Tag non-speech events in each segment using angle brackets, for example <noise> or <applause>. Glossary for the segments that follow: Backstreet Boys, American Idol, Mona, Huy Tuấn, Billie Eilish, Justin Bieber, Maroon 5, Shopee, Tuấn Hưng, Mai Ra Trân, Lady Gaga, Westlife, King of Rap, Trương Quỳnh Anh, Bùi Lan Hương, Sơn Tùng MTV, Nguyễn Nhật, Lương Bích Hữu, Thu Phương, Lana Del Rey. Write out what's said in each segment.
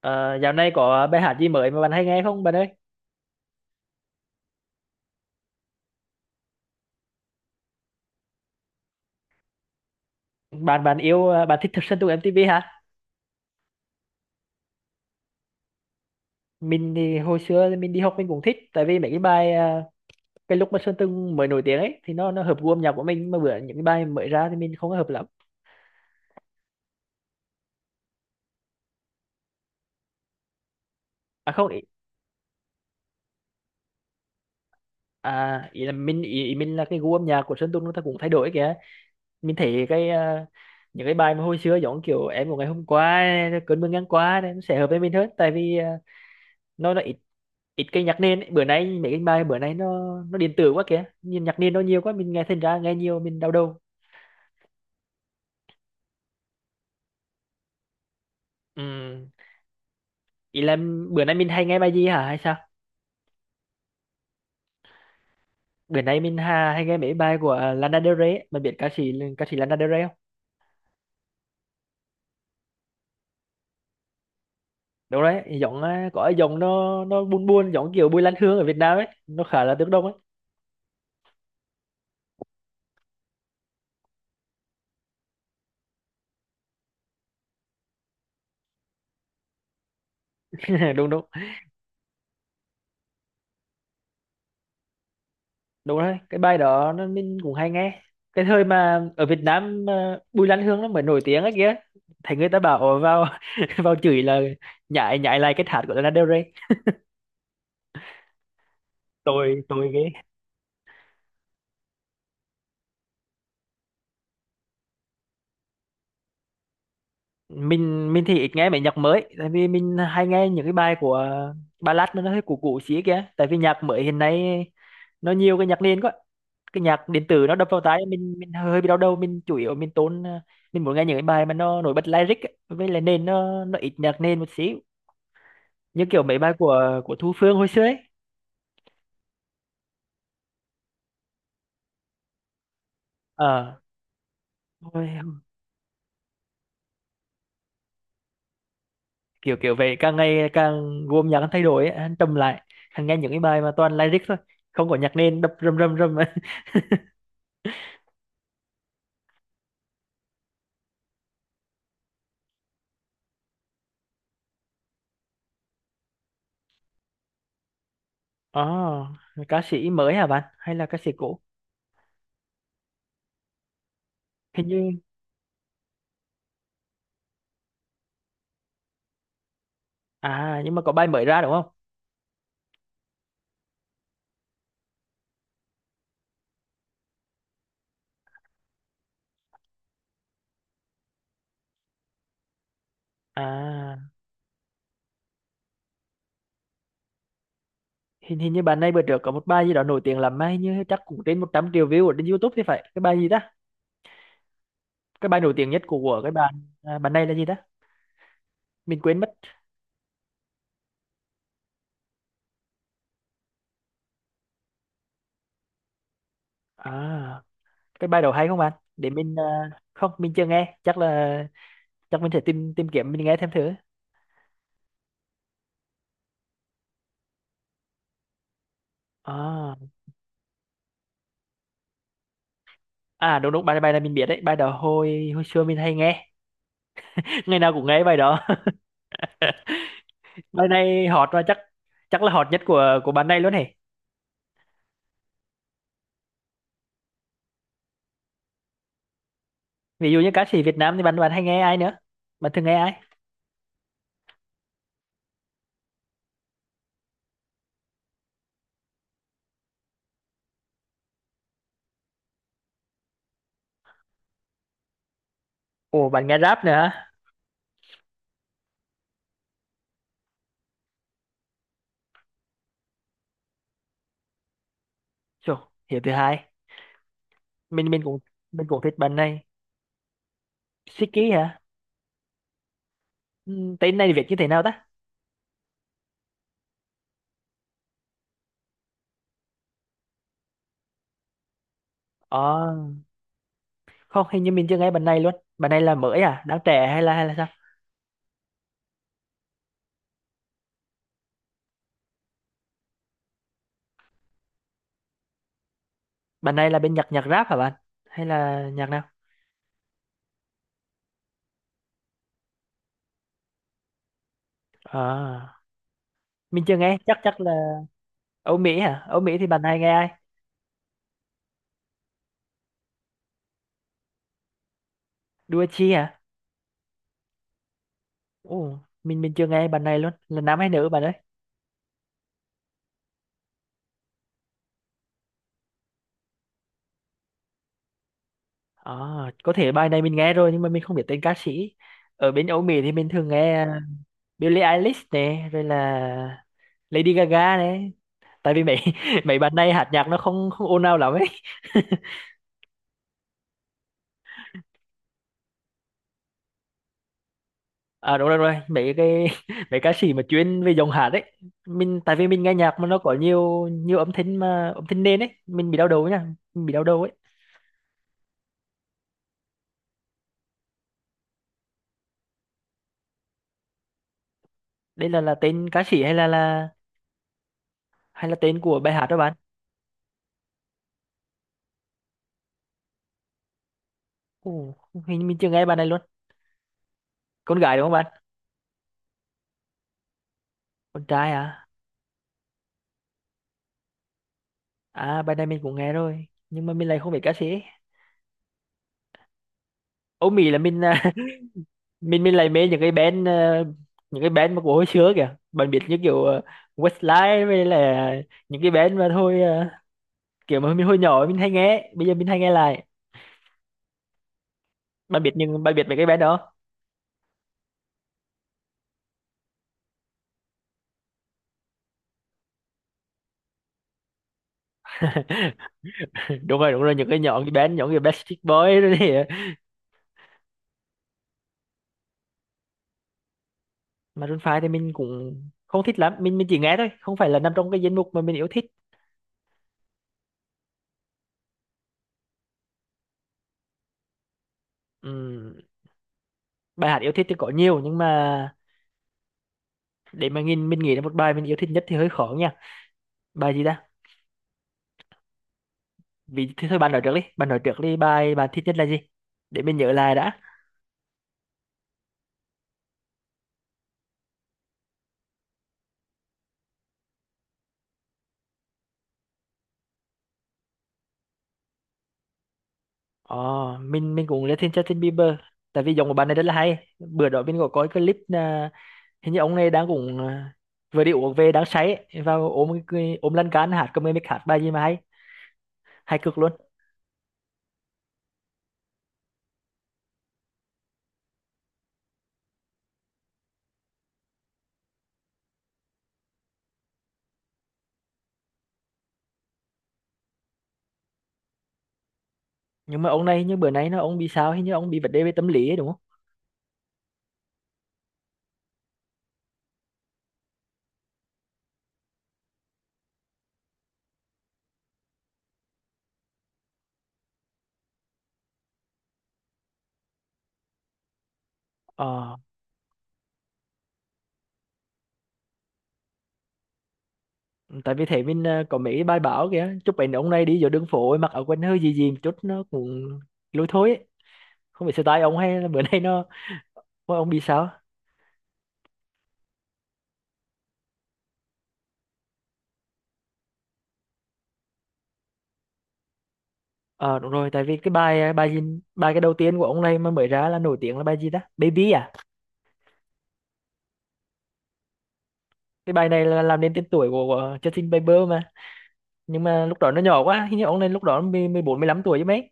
Ờ, dạo này có bài hát gì mới mà bạn hay nghe không bạn ơi? Bạn bạn yêu à, bạn thích Sơn Tùng MTV hả? Mình thì hồi xưa thì mình đi học mình cũng thích tại vì mấy cái bài cái lúc mà Sơn Tùng mới nổi tiếng ấy thì nó hợp gu âm nhạc của mình mà bữa những cái bài mới ra thì mình không có hợp lắm. À không ý, à ý là mình ý, ý mình là cái gu âm nhạc của Sơn Tùng nó ta cũng thay đổi kìa. Mình thấy cái những cái bài mà hồi xưa giống kiểu em của ngày hôm qua cơn mưa ngang qua này, nó sẽ hợp với mình hơn tại vì nó là ít ít cái nhạc nền ấy. Bữa nay mấy cái bài bữa nay nó điện tử quá kìa, nhìn nhạc nền nó nhiều quá mình nghe thành ra nghe nhiều mình đau đầu. Ừm, Ý là bữa nay mình hay nghe bài gì hả hay sao? Bữa nay mình ha, hay nghe mấy bài của Lana Del Rey ấy. Mình biết ca sĩ Lana Del Rey không? Đúng đấy, giọng à, có cái giọng nó buồn buồn, giọng kiểu Bùi Lan Hương ở Việt Nam ấy, nó khá là tiếng Đông ấy. <laughs> Đúng đúng. Đúng đấy, cái bài đó nó mình cũng hay nghe. Cái thời mà ở Việt Nam mà Bùi Lan Hương nó mới nổi tiếng ấy kìa, thấy người ta bảo "Ồ, vào <laughs> vào chửi là nhại nhại lại cái hát của Lana Del Rey." Tôi cái mình thì ít nghe mấy nhạc mới tại vì mình hay nghe những cái bài của ballad mà nó hơi cũ cũ xí kìa, tại vì nhạc mới hiện nay nó nhiều cái nhạc nền quá, cái nhạc điện tử nó đập vào tai mình hơi bị đau đầu. Mình chủ yếu mình tốn, mình muốn nghe những cái bài mà nó nổi bật lyric ấy, với lại nền nó ít nhạc nền một xíu, như kiểu mấy bài của Thu Phương hồi xưa ấy. ờ thôi, Kiểu kiểu vậy, càng ngày càng gồm nhạc anh thay đổi ấy, anh trầm lại, anh nghe những cái bài mà toàn lyric thôi, không có nhạc nền đập rầm rầm rầm <laughs> ấy. Ồ, ca sĩ mới hả bạn hay là ca sĩ cũ? Hình như à, nhưng mà có bài mới ra đúng không? À, hình hình như bạn này bữa trước có một bài gì đó nổi tiếng lắm, mà hình như chắc cũng trên 100 triệu view ở trên YouTube thì phải. Cái bài gì ta, cái bài nổi tiếng nhất của cái bạn à, bạn này là gì ta, mình quên mất. À cái bài đầu hay không anh để mình không mình chưa nghe, chắc là chắc mình sẽ tìm tìm kiếm mình nghe thêm thử. À, à đúng đúng, bài bài này mình biết đấy, bài đó hồi hồi xưa mình hay nghe, <laughs> ngày nào cũng nghe bài đó. <laughs> Bài này hot và chắc chắc là hot nhất của bạn này luôn hề. Ví dụ như ca sĩ Việt Nam thì bạn bạn hay nghe ai nữa, bạn thường nghe ai? Ồ bạn nghe rap nữa hả? Chù, hiểu thứ hai, mình cũng, mình cũng thích bạn này. Siki hả? Ừ, tên này viết như thế nào ta? Ờ không hình như mình chưa nghe bạn này luôn, bạn này là mới à, đang trẻ hay là sao? Bạn này là bên nhạc nhạc rap hả bạn hay là nhạc nào? À mình chưa nghe chắc chắc là. Âu Mỹ hả? Âu Mỹ thì bạn này nghe ai? Đua Chi hả? Ồ mình chưa nghe bạn này luôn, là nam hay nữ bạn ơi? À có thể bài này mình nghe rồi nhưng mà mình không biết tên ca sĩ. Ở bên Âu Mỹ thì mình thường nghe Billie Eilish này rồi là Lady Gaga này, tại vì mấy <laughs> mấy bạn này hát nhạc nó không không ồn ào lắm ấy. À đúng rồi đúng rồi, mấy cái <laughs> mấy ca sĩ mà chuyên về dòng hạt ấy, mình tại vì mình nghe nhạc mà nó có nhiều nhiều âm thanh, mà âm thanh nền ấy mình bị đau đầu nha, mình bị đau đầu ấy. Đây là tên ca sĩ hay là hay là tên của bài hát đó bạn? Ồ, hình như mình chưa nghe bài này luôn. Con gái đúng không bạn? Con trai à? À bài này mình cũng nghe rồi nhưng mà mình lại không biết ca sĩ ấy. Âu Mỹ là mình <laughs> mình lại mê những cái band những cái band mà của hồi xưa kìa, bạn biết như kiểu à, Westlife với là những cái band mà thôi ờ, kiểu mà mình hồi nhỏ mình hay nghe bây giờ mình hay nghe lại. Bạn biết những bạn biết mấy cái band đó? <laughs> Đúng rồi đúng rồi, những cái nhóm cái band nhóm cái Backstreet Boys rồi thì Maroon 5 thì mình cũng không thích lắm, mình chỉ nghe thôi không phải là nằm trong cái danh mục mà mình yêu thích. Ừm, Bài hát yêu thích thì có nhiều nhưng mà để mà nhìn mình nghĩ là một bài mình yêu thích nhất thì hơi khó nha. Bài gì ta, vì thì thôi bạn nói trước đi bài bạn thích nhất là gì, để mình nhớ lại đã. Ồ, mình cũng rất thích Justin Bieber tại vì giọng của bạn này rất là hay. Bữa đó mình có coi clip à, hình như ông này đang cũng à, vừa đi uống về đang say ấy, vào ôm cái- ôm lăn can hát cầm mic hạt bài gì mà hay hay cực luôn. Nhưng mà ông này như bữa nay nó ông bị sao, hình như ông bị vấn đề về tâm lý ấy, đúng không? Ờ tại vì thế mình à, có mấy cái bài báo kìa chụp ảnh ông này đi giữa đường phố ấy, mặc áo quần hơi gì gì một chút nó cũng lôi thôi ấy. Không biết style ông hay là bữa <laughs> nay nó, ôi, ông bị sao. Ờ đúng rồi tại vì cái bài ờ, bài gì, bài cái đầu tiên của ông này mà mới ra là nổi tiếng là bài gì ta, Baby à? Cái bài này là làm nên tên tuổi của Justin Bieber mà, nhưng mà lúc đó nó nhỏ quá, hình như ông này lúc đó mười 14 15 tuổi chứ mấy.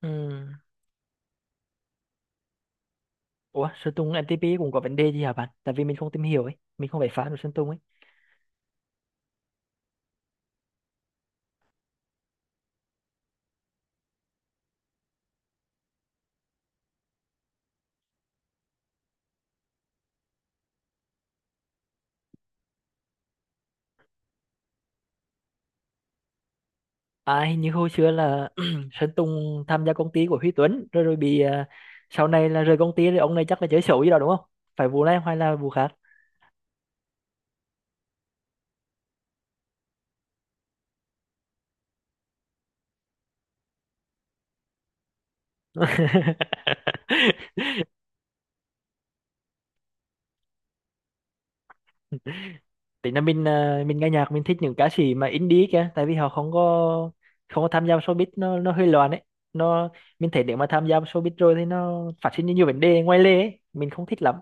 Ừ. Ủa Sơn Tùng MTP cũng có vấn đề gì hả bạn, tại vì mình không tìm hiểu ấy, mình không phải fan của Sơn Tùng ấy. À hình như hồi xưa là <clears throat> Sơn Tùng tham gia công ty của Huy Tuấn rồi rồi bị à, sau này là rời công ty rồi ông này chắc là chơi xấu gì đó đúng không, phải vụ này hay là vụ khác. <laughs> Tính là mình à, mình nghe nhạc mình thích những ca sĩ mà indie kìa, tại vì họ không có không có tham gia vào showbiz, nó hơi loạn ấy, nó mình thấy nếu mà tham gia vào showbiz rồi thì nó phát sinh ra nhiều vấn đề ngoài lề ấy, mình không thích lắm.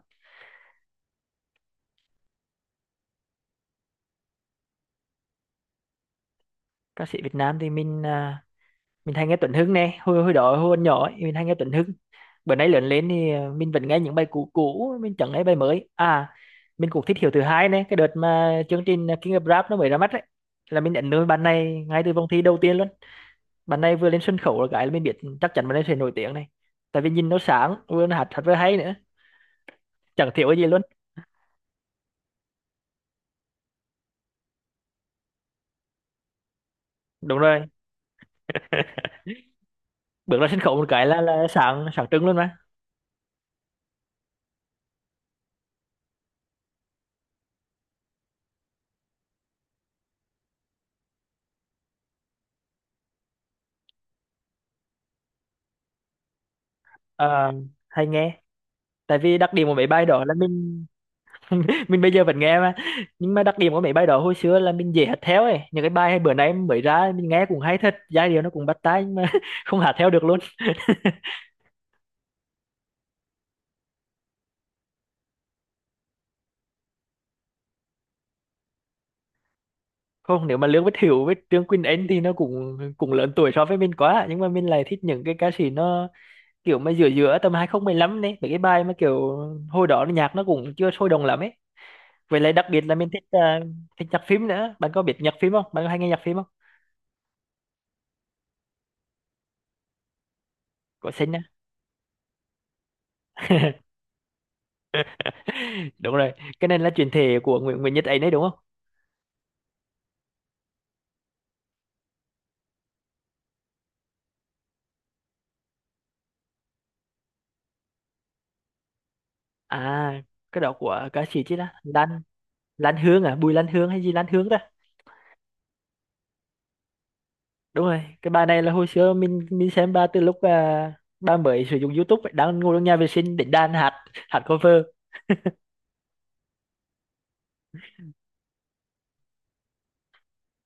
Ca sĩ Việt Nam thì mình à, mình hay nghe Tuấn Hưng nè, hồi hồi đó hồi còn nhỏ ấy, mình hay nghe Tuấn Hưng. Bữa nay lớn lên thì à, mình vẫn nghe những bài cũ cũ mình chẳng nghe bài mới à. Mình cũng thích Hiếu thứ hai nè, cái đợt mà chương trình King of Rap nó mới ra mắt ấy là mình nhận nuôi bạn này ngay từ vòng thi đầu tiên luôn. Bạn này vừa lên sân khấu là cái là mình biết chắc chắn bạn ấy sẽ nổi tiếng này, tại vì nhìn nó sáng, vừa nó hát hát vừa hay nữa, chẳng thiếu cái gì luôn. Đúng rồi, bước ra sân khấu một cái là sáng sáng trưng luôn mà. Ờ, hay nghe, tại vì đặc điểm của mấy bài đó là mình <laughs> mình bây giờ vẫn nghe mà, nhưng mà đặc điểm của mấy bài đó hồi xưa là mình dễ hát theo ấy, những cái bài bữa nay mới ra mình nghe cũng hay thật, giai điệu nó cũng bắt tai nhưng mà <laughs> không hát theo được luôn. <laughs> Không, nếu mà Lương Bích Hữu với Trương Quỳnh Anh thì nó cũng cũng lớn tuổi so với mình quá, nhưng mà mình lại thích những cái ca sĩ nó kiểu mà giữa giữa tầm 2015 đấy, mấy cái bài mà kiểu hồi đó là nhạc nó cũng chưa sôi động lắm ấy. Vậy lại đặc biệt là mình thích à, thích nhạc phim nữa. Bạn có biết nhạc phim không, bạn có hay nghe nhạc phim không? Có xin á, <laughs> đúng rồi, cái này là chuyển thể của Nguyễn Nguyễn Nhật ấy đấy đúng không? À cái đó của ca sĩ chứ đó Lan, Lan Hương à, Bùi Lan Hương hay gì Lan Hương ta? Đúng rồi, cái bài này là hồi xưa mình xem ba từ lúc à, ba mới sử dụng YouTube ấy, đang ngồi trong nhà vệ sinh định đàn hát hát cover.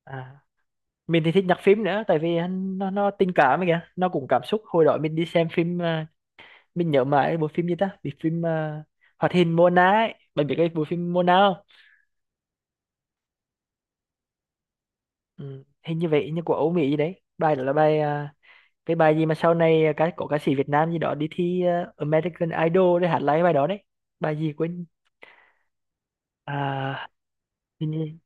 À mình thì thích nhạc phim nữa tại vì hắn- nó tình cảm ấy kìa, nó cũng cảm xúc. Hồi đó mình đi xem phim à, mình nhớ mãi bộ phim gì ta, bị phim à, hoạt hình Mona ấy, bạn biết cái bộ phim Mona không? Ừ, hình như vậy như của Âu Mỹ gì đấy. Bài đó là bài à, cái bài gì mà sau này cái có ca sĩ Việt Nam gì đó đi thi à, American Idol để hát lại cái bài đó đấy, bài gì quên. À, hình, như,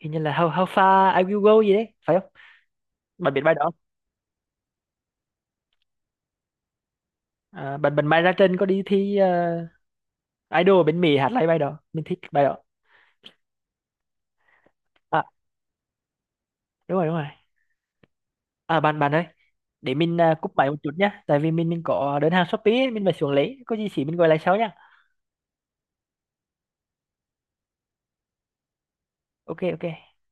hình như là How, How Far I Will Go gì đấy phải không, bạn biết bài đó không? À, bạn bạn Mai Ra Trân có đi thi à, Idol bên Mỹ hát lại bài đó, mình thích bài đó. Đúng rồi đúng rồi. À bạn bạn ơi, để mình à, cúp máy một chút nhá, tại vì mình có đơn hàng Shopee ấy, mình phải xuống lấy, có gì chỉ mình gọi lại sau nhá. Ok ok.